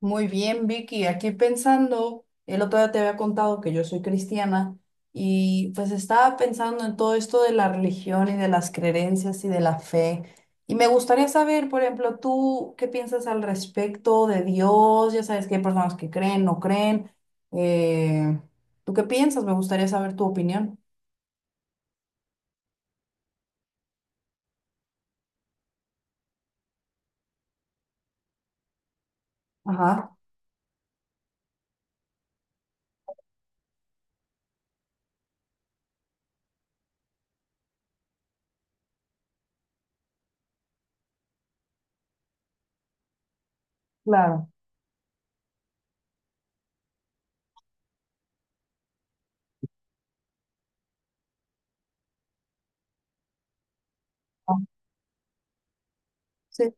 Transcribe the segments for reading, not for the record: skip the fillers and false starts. Muy bien, Vicky. Aquí pensando, el otro día te había contado que yo soy cristiana y pues estaba pensando en todo esto de la religión y de las creencias y de la fe. Y me gustaría saber, por ejemplo, tú qué piensas al respecto de Dios. Ya sabes que hay personas que creen, no creen. Eh, ¿Tú qué piensas? Me gustaría saber tu opinión. Ajá, claro. Ah, sí,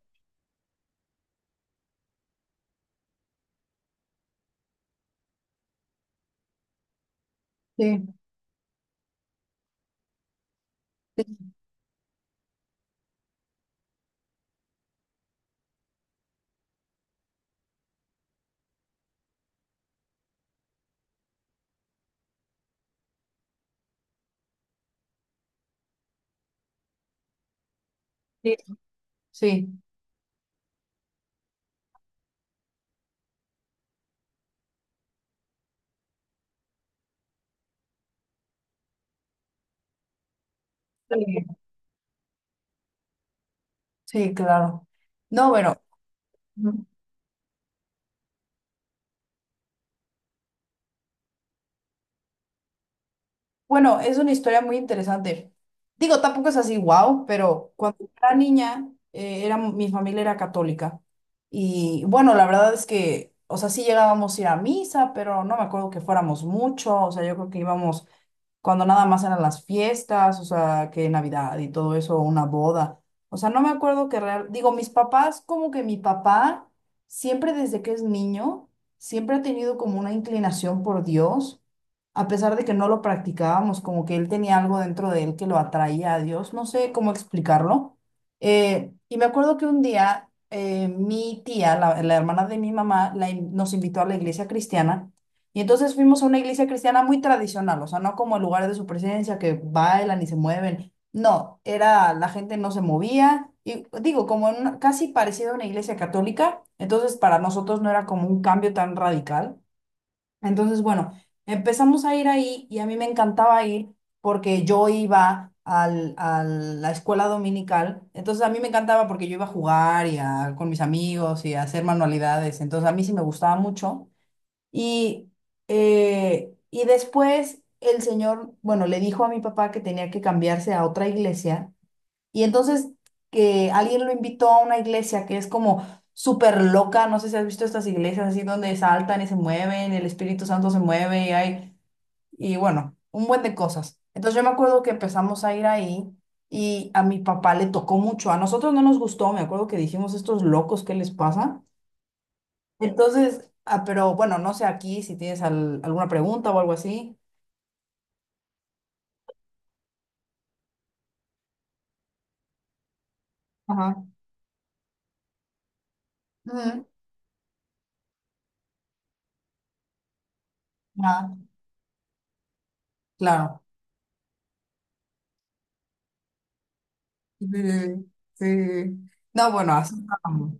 sí, sí, sí, sí, sí, claro. No, bueno. Bueno, es una historia muy interesante. Digo, tampoco es así, wow, pero cuando era niña, mi familia era católica. Y bueno, la verdad es que, o sea, sí llegábamos a ir a misa, pero no me acuerdo que fuéramos mucho. O sea, yo creo que íbamos cuando nada más eran las fiestas, o sea, que Navidad y todo eso, una boda. O sea, no me acuerdo que real. Digo, mis papás, como que mi papá, siempre desde que es niño, siempre ha tenido como una inclinación por Dios a pesar de que no lo practicábamos, como que él tenía algo dentro de él que lo atraía a Dios, no sé cómo explicarlo. Y me acuerdo que un día mi tía, la hermana de mi mamá, nos invitó a la iglesia cristiana. Y entonces fuimos a una iglesia cristiana muy tradicional, o sea, no como el lugar de su presencia, que bailan y se mueven. No, era, la gente no se movía, y digo, como en una- casi parecido a una iglesia católica, entonces para nosotros no era como un cambio tan radical. Entonces, bueno, empezamos a ir ahí y a mí me encantaba ir porque yo iba al, a la escuela dominical. Entonces, a mí me encantaba porque yo iba a jugar y a, con mis amigos y a hacer manualidades. Entonces, a mí sí me gustaba mucho. Y, y después el señor, bueno, le dijo a mi papá que tenía que cambiarse a otra iglesia y entonces que alguien lo invitó a una iglesia que es como súper loca, no sé si has visto estas iglesias así donde saltan y se mueven, el Espíritu Santo se mueve y hay, y bueno, un buen de cosas. Entonces yo me acuerdo que empezamos a ir ahí y a mi papá le tocó mucho, a nosotros no nos gustó, me acuerdo que dijimos estos locos, ¿qué les pasa? Entonces, pero bueno, no sé aquí si tienes alguna pregunta o algo así. Ajá. Ujú. Ah, claro. Sí, sí, sí. No, bueno, así estábamos.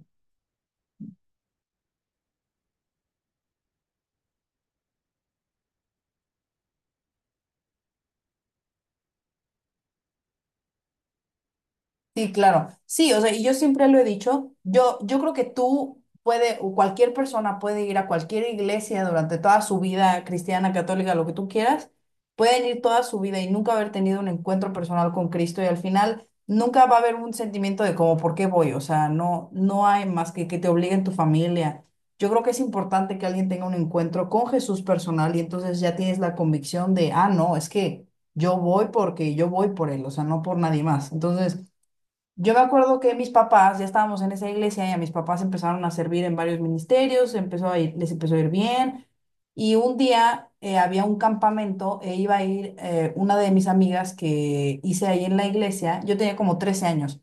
Sí, claro. Sí, o sea, y yo siempre lo he dicho, yo creo que tú puede, o cualquier persona puede ir a cualquier iglesia durante toda su vida, cristiana, católica, lo que tú quieras, pueden ir toda su vida y nunca haber tenido un encuentro personal con Cristo y al final nunca va a haber un sentimiento de como, ¿por qué voy? O sea, no, no hay más que te obliguen tu familia. Yo creo que es importante que alguien tenga un encuentro con Jesús personal y entonces ya tienes la convicción de, ah, no, es que yo voy porque yo voy por él, o sea, no por nadie más. Entonces... Yo me acuerdo que mis papás, ya estábamos en esa iglesia y a mis papás empezaron a servir en varios ministerios, les empezó a ir bien. Y un día había un campamento e iba a ir una de mis amigas que hice ahí en la iglesia. Yo tenía como 13 años.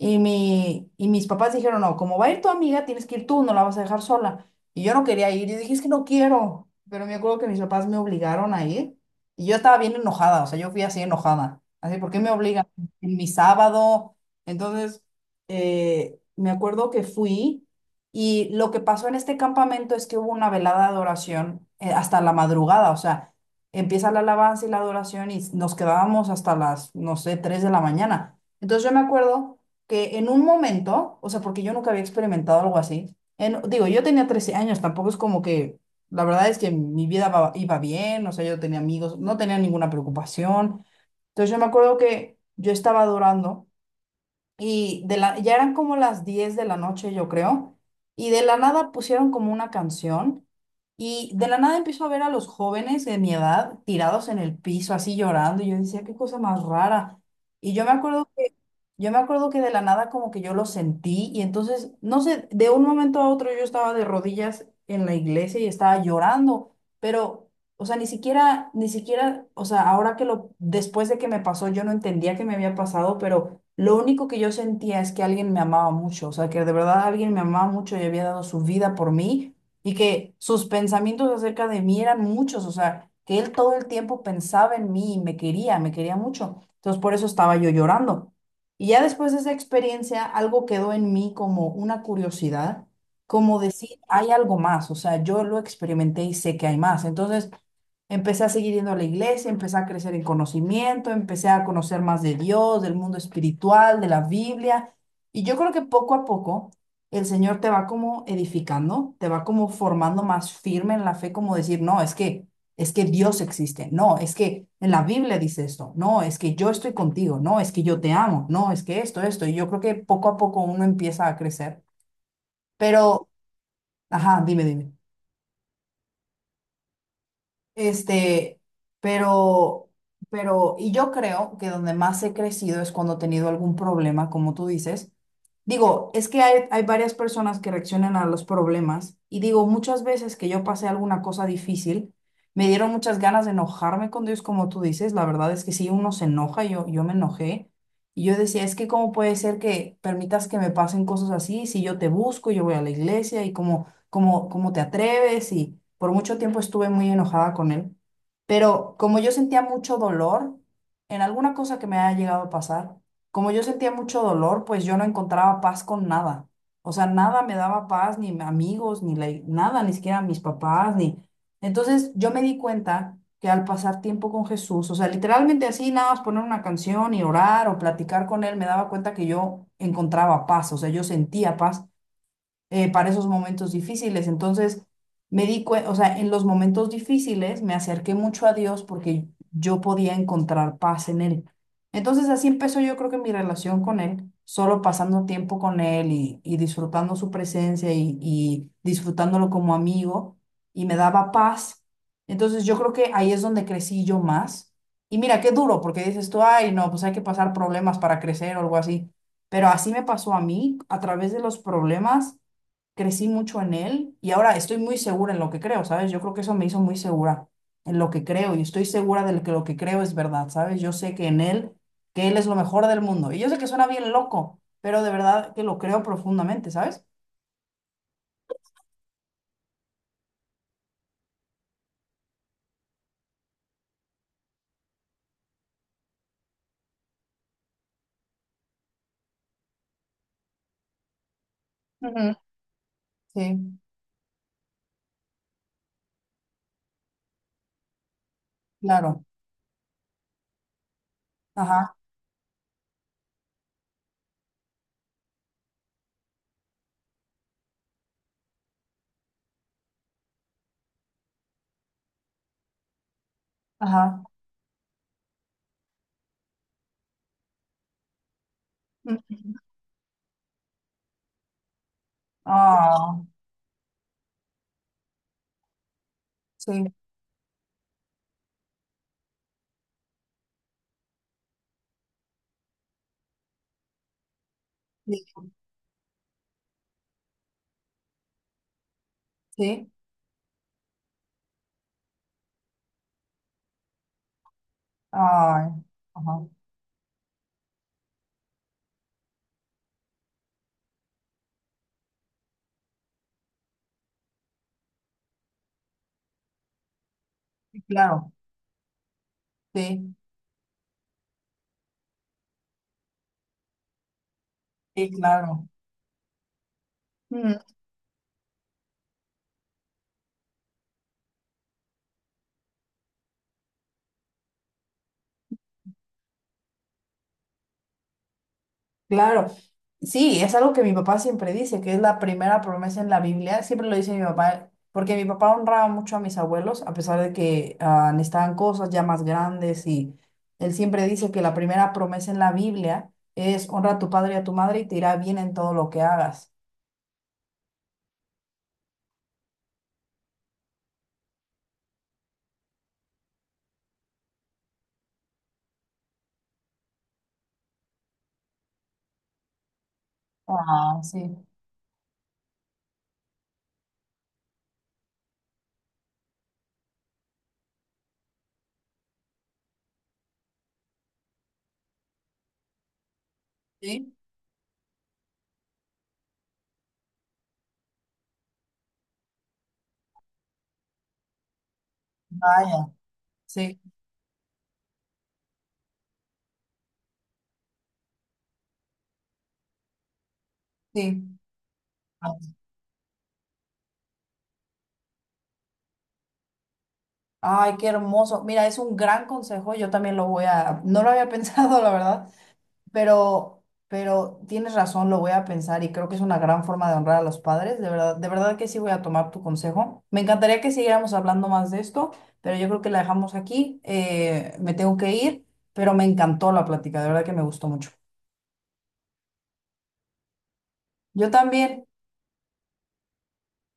Y mis papás dijeron, no, como va a ir tu amiga, tienes que ir tú, no la vas a dejar sola. Y yo no quería ir, yo dije, es que no quiero. Pero me acuerdo que mis papás me obligaron a ir y yo estaba bien enojada, o sea, yo fui así enojada. Así, ¿por qué me obligan en mi sábado? Entonces, me acuerdo que fui y lo que pasó en este campamento es que hubo una velada de adoración hasta la madrugada, o sea, empieza la alabanza y la adoración y nos quedábamos hasta las, no sé, 3 de la mañana. Entonces yo me acuerdo que en un momento, o sea, porque yo nunca había experimentado algo así, digo, yo tenía 13 años, tampoco es como que, la verdad es que mi vida iba bien, o sea, yo tenía amigos, no tenía ninguna preocupación. Entonces yo me acuerdo que yo estaba adorando y de la, ya eran como las 10 de la noche, yo creo. Y de la nada pusieron como una canción. Y de la nada empiezo a ver a los jóvenes de mi edad tirados en el piso, así llorando. Y yo decía, qué cosa más rara. Y yo me acuerdo que, yo me acuerdo que de la nada como que yo lo sentí. Y entonces, no sé, de un momento a otro yo estaba de rodillas en la iglesia y estaba llorando. Pero, o sea, ni siquiera, ni siquiera, o sea, ahora que lo, después de que me pasó, yo no entendía que me había pasado, pero lo único que yo sentía es que alguien me amaba mucho, o sea, que de verdad alguien me amaba mucho y había dado su vida por mí y que sus pensamientos acerca de mí eran muchos, o sea, que él todo el tiempo pensaba en mí y me quería mucho. Entonces por eso estaba yo llorando. Y ya después de esa experiencia, algo quedó en mí como una curiosidad, como decir, hay algo más, o sea, yo lo experimenté y sé que hay más. Entonces... Empecé a seguir yendo a la iglesia, empecé a crecer en conocimiento, empecé a conocer más de Dios, del mundo espiritual, de la Biblia. Y yo creo que poco a poco el Señor te va como edificando, te va como formando más firme en la fe, como decir, no, es que Dios existe, no, es que en la Biblia dice esto, no, es que yo estoy contigo, no, es que yo te amo, no, es que esto, esto. Y yo creo que poco a poco uno empieza a crecer. Pero, ajá, dime, dime. Este, pero, pero, y yo creo que donde más he crecido es cuando he tenido algún problema, como tú dices. Digo, es que hay varias personas que reaccionan a los problemas y digo, muchas veces que yo pasé alguna cosa difícil, me dieron muchas ganas de enojarme con Dios, como tú dices. La verdad es que si uno se enoja, yo me enojé. Y yo decía, es que cómo puede ser que permitas que me pasen cosas así si yo te busco, yo voy a la iglesia y como ¿Cómo te atreves? Y por mucho tiempo estuve muy enojada con él. Pero como yo sentía mucho dolor en alguna cosa que me haya llegado a pasar, como yo sentía mucho dolor, pues yo no encontraba paz con nada. O sea, nada me daba paz, ni amigos, ni la- nada, ni siquiera mis papás, ni... Entonces yo me di cuenta que al pasar tiempo con Jesús, o sea, literalmente así, nada más poner una canción y orar o platicar con él, me daba cuenta que yo encontraba paz, o sea, yo sentía paz para esos momentos difíciles. Entonces, me di cuenta, o sea, en los momentos difíciles me acerqué mucho a Dios porque yo podía encontrar paz en Él. Entonces, así empezó yo creo que mi relación con Él, solo pasando tiempo con Él y disfrutando su presencia y disfrutándolo como amigo y me daba paz. Entonces, yo creo que ahí es donde crecí yo más. Y mira, qué duro, porque dices tú, ay, no, pues hay que pasar problemas para crecer o algo así. Pero así me pasó a mí, a través de los problemas crecí mucho en él y ahora estoy muy segura en lo que creo, ¿sabes? Yo creo que eso me hizo muy segura en lo que creo y estoy segura de que lo que creo es verdad, ¿sabes? Yo sé que en él, que él es lo mejor del mundo. Y yo sé que suena bien loco, pero de verdad que lo creo profundamente, ¿sabes? Sí, claro. Ajá, ajá. Mm. Ah, sí, sí, sí. Ay, ajá. Sí, claro, sí, sí, claro. Mm. Claro, sí, es algo que mi papá siempre dice, que es la primera promesa en la Biblia, siempre lo dice mi papá, porque mi papá honraba mucho a mis abuelos, a pesar de que necesitaban cosas ya más grandes, y él siempre dice que la primera promesa en la Biblia es honra a tu padre y a tu madre y te irá bien en todo lo que hagas. Ah, sí. Sí, vaya, sí, sí. Ay, qué hermoso. Mira, es un gran consejo, yo también lo voy a, no lo había pensado, la verdad. Pero tienes razón, lo voy a pensar y creo que es una gran forma de honrar a los padres. De verdad que sí voy a tomar tu consejo. Me encantaría que siguiéramos hablando más de esto, pero yo creo que la dejamos aquí. Me tengo que ir, pero me encantó la plática, de verdad que me gustó mucho. Yo también.